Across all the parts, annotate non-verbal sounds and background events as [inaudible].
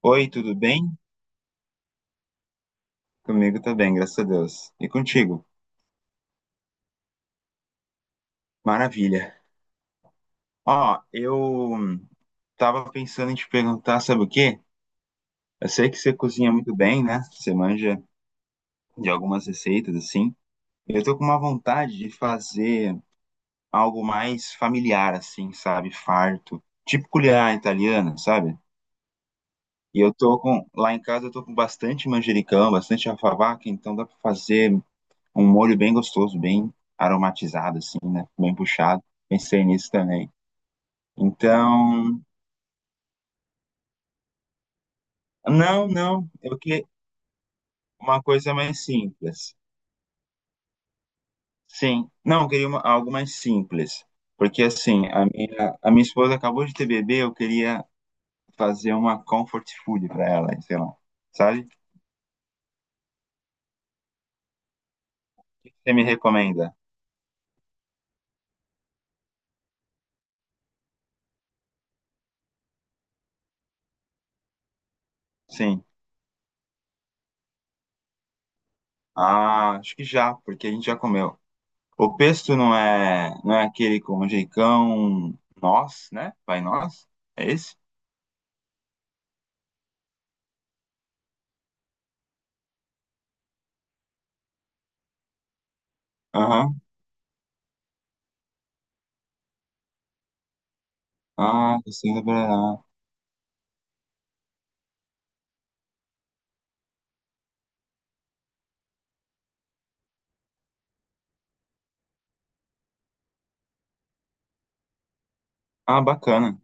Oi, tudo bem? Comigo tá bem, graças a Deus. E contigo? Maravilha. Ó, eu tava pensando em te perguntar, sabe o quê? Eu sei que você cozinha muito bem, né? Você manja de algumas receitas, assim. Eu tô com uma vontade de fazer algo mais familiar, assim, sabe? Farto. Tipo culinária italiana, sabe? Lá em casa eu tô com bastante manjericão, bastante alfavaca, então dá pra fazer um molho bem gostoso, bem aromatizado, assim, né? Bem puxado. Pensei nisso também. Então, não, não, eu queria uma coisa mais simples. Sim, não, eu queria algo mais simples. Porque, assim, a minha esposa acabou de ter bebê, eu queria fazer uma comfort food para ela, sei lá. Sabe? O que você me recomenda? Sim. Ah, acho que já, porque a gente já comeu. O pesto não é aquele com manjericão, um nós, né? Vai nós? É esse? Aham. Ah, você lembrará. Ah, bacana.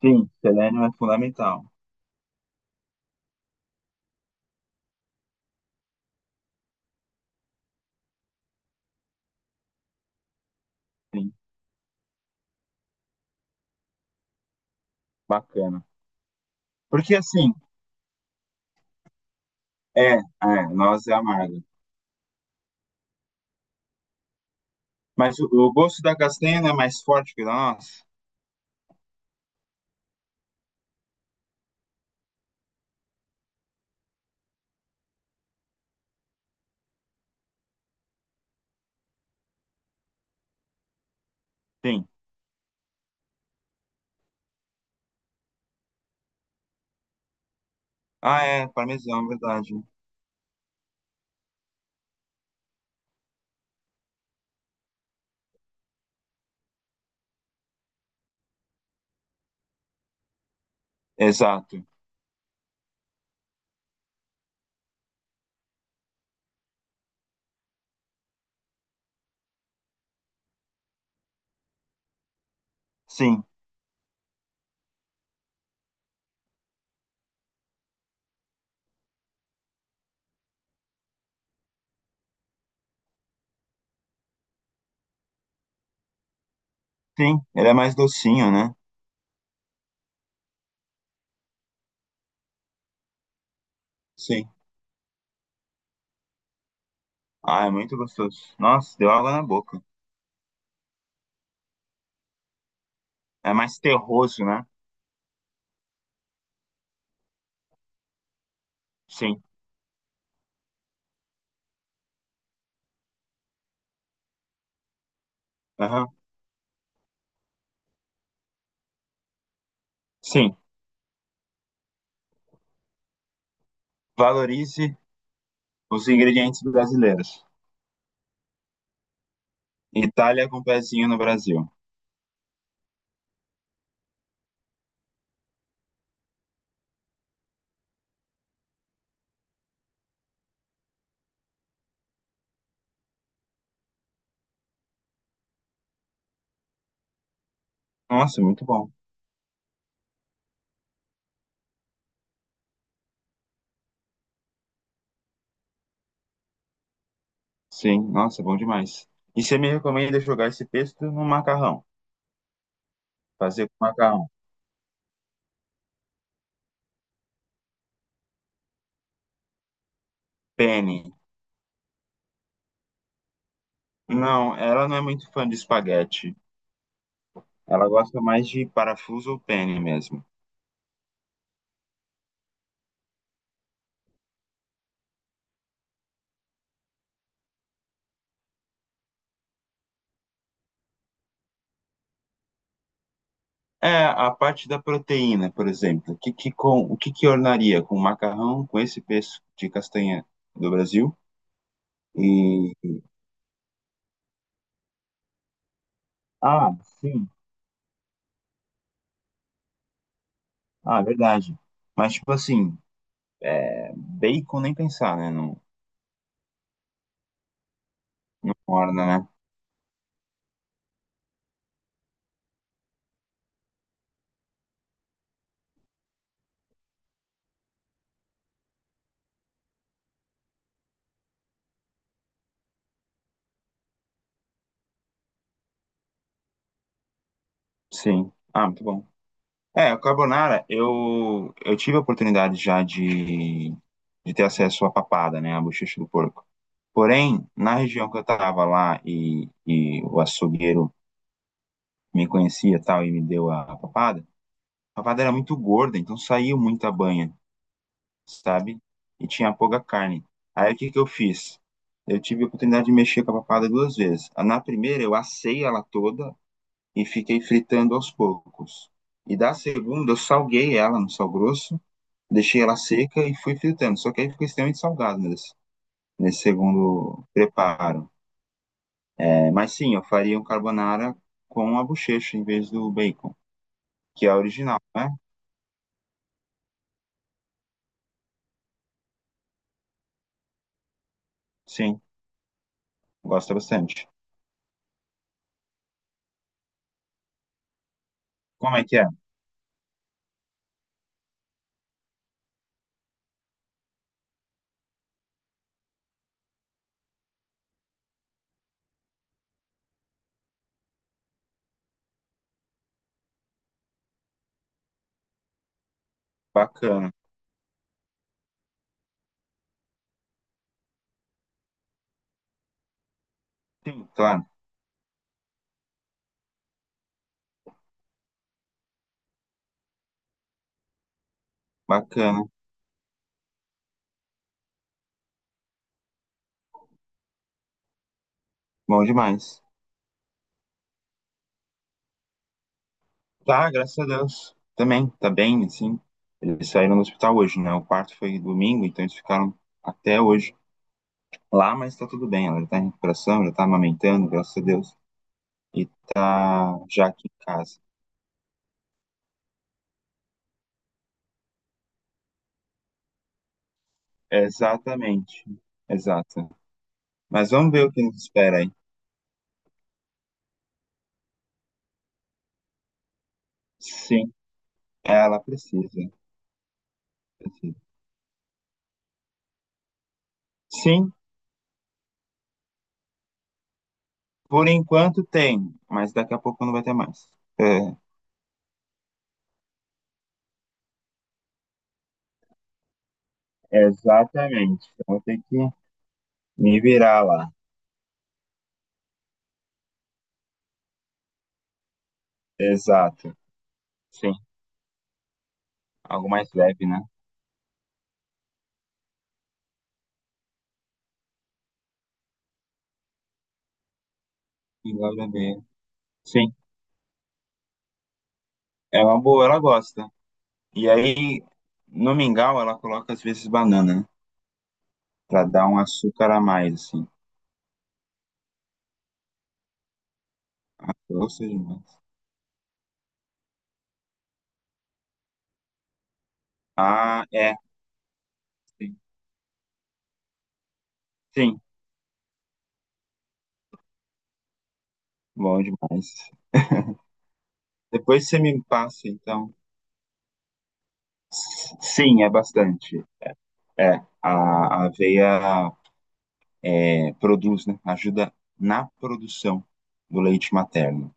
Sim, selênio é fundamental. Sim, bacana. Porque assim, é, noz é amarga. Mas o gosto da castanha não é mais forte que o da noz? Sim. Ah, é, parmesão, verdade. Exato. Sim, sim. Ele é mais docinho, né? Sim. Ah, é muito gostoso. Nossa, deu água na boca. É mais terroso, né? Sim. Aham. Sim. Valorize os ingredientes brasileiros. Itália com pezinho no Brasil. Nossa, muito bom. Sim, nossa, bom demais. E você me recomenda jogar esse pesto no macarrão? Fazer com macarrão. Penne. Não, ela não é muito fã de espaguete. Ela gosta mais de parafuso ou penne mesmo. É, a parte da proteína, por exemplo. O que que ornaria com macarrão, com esse pesto de castanha do Brasil? E... Ah, sim. Ah, verdade. Mas, tipo assim, bacon nem pensar, né? Não orna, né? Sim. Ah, muito bom. É, o carbonara, eu tive a oportunidade já de ter acesso à papada, né, à bochecha do porco. Porém, na região que eu tava lá e o açougueiro me conhecia e tal e me deu a papada era muito gorda, então saiu muita banha, sabe? E tinha pouca carne. Aí o que que eu fiz? Eu tive a oportunidade de mexer com a papada duas vezes. Na primeira, eu assei ela toda e fiquei fritando aos poucos. E da segunda, eu salguei ela no sal grosso, deixei ela seca e fui fritando. Só que aí ficou extremamente salgado nesse segundo preparo. É, mas sim, eu faria um carbonara com a bochecha em vez do bacon, que é a original, né? Sim, gosto bastante. Como é que é? Bacana. Sim, claro, bacana. Bom demais. Tá, graças a Deus. Também, tá bem, assim. Eles saíram do hospital hoje, né? O parto foi domingo, então eles ficaram até hoje lá, mas tá tudo bem. Ela já tá em recuperação, já tá amamentando, graças a Deus. E tá já aqui em casa. Exatamente, exato. Mas vamos ver o que nos espera aí. Sim, ela precisa, precisa. Sim, por enquanto tem, mas daqui a pouco não vai ter mais. É, exatamente. Então vou ter que me virar lá. Exato. Sim, algo mais leve, né? Mingau de abelha. Sim, é uma boa, ela gosta. E aí, no mingau, ela coloca às vezes banana, né? Pra dar um açúcar a mais, assim. Gosto demais. Ah, é. Sim, sim. Bom demais. Depois você me passa, então. Sim, é bastante. É, a aveia produz, né? Ajuda na produção do leite materno.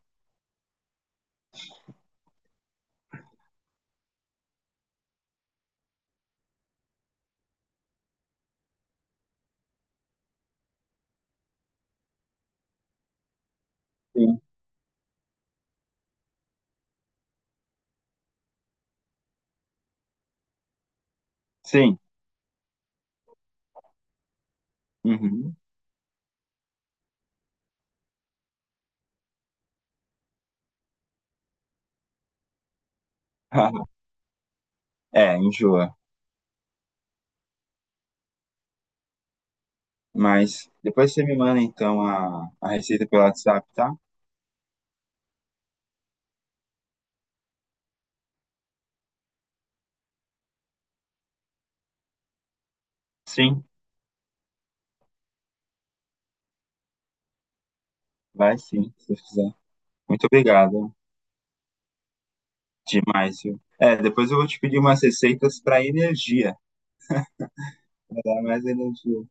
Sim. Sim. Uhum. [laughs] É, enjoa. Mas depois você me manda, então, a receita pelo WhatsApp, tá? Sim, vai sim, se você quiser. Muito obrigado. Demais, viu? É, depois eu vou te pedir umas receitas para energia, para dar mais energia.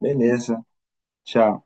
Beleza. Tchau.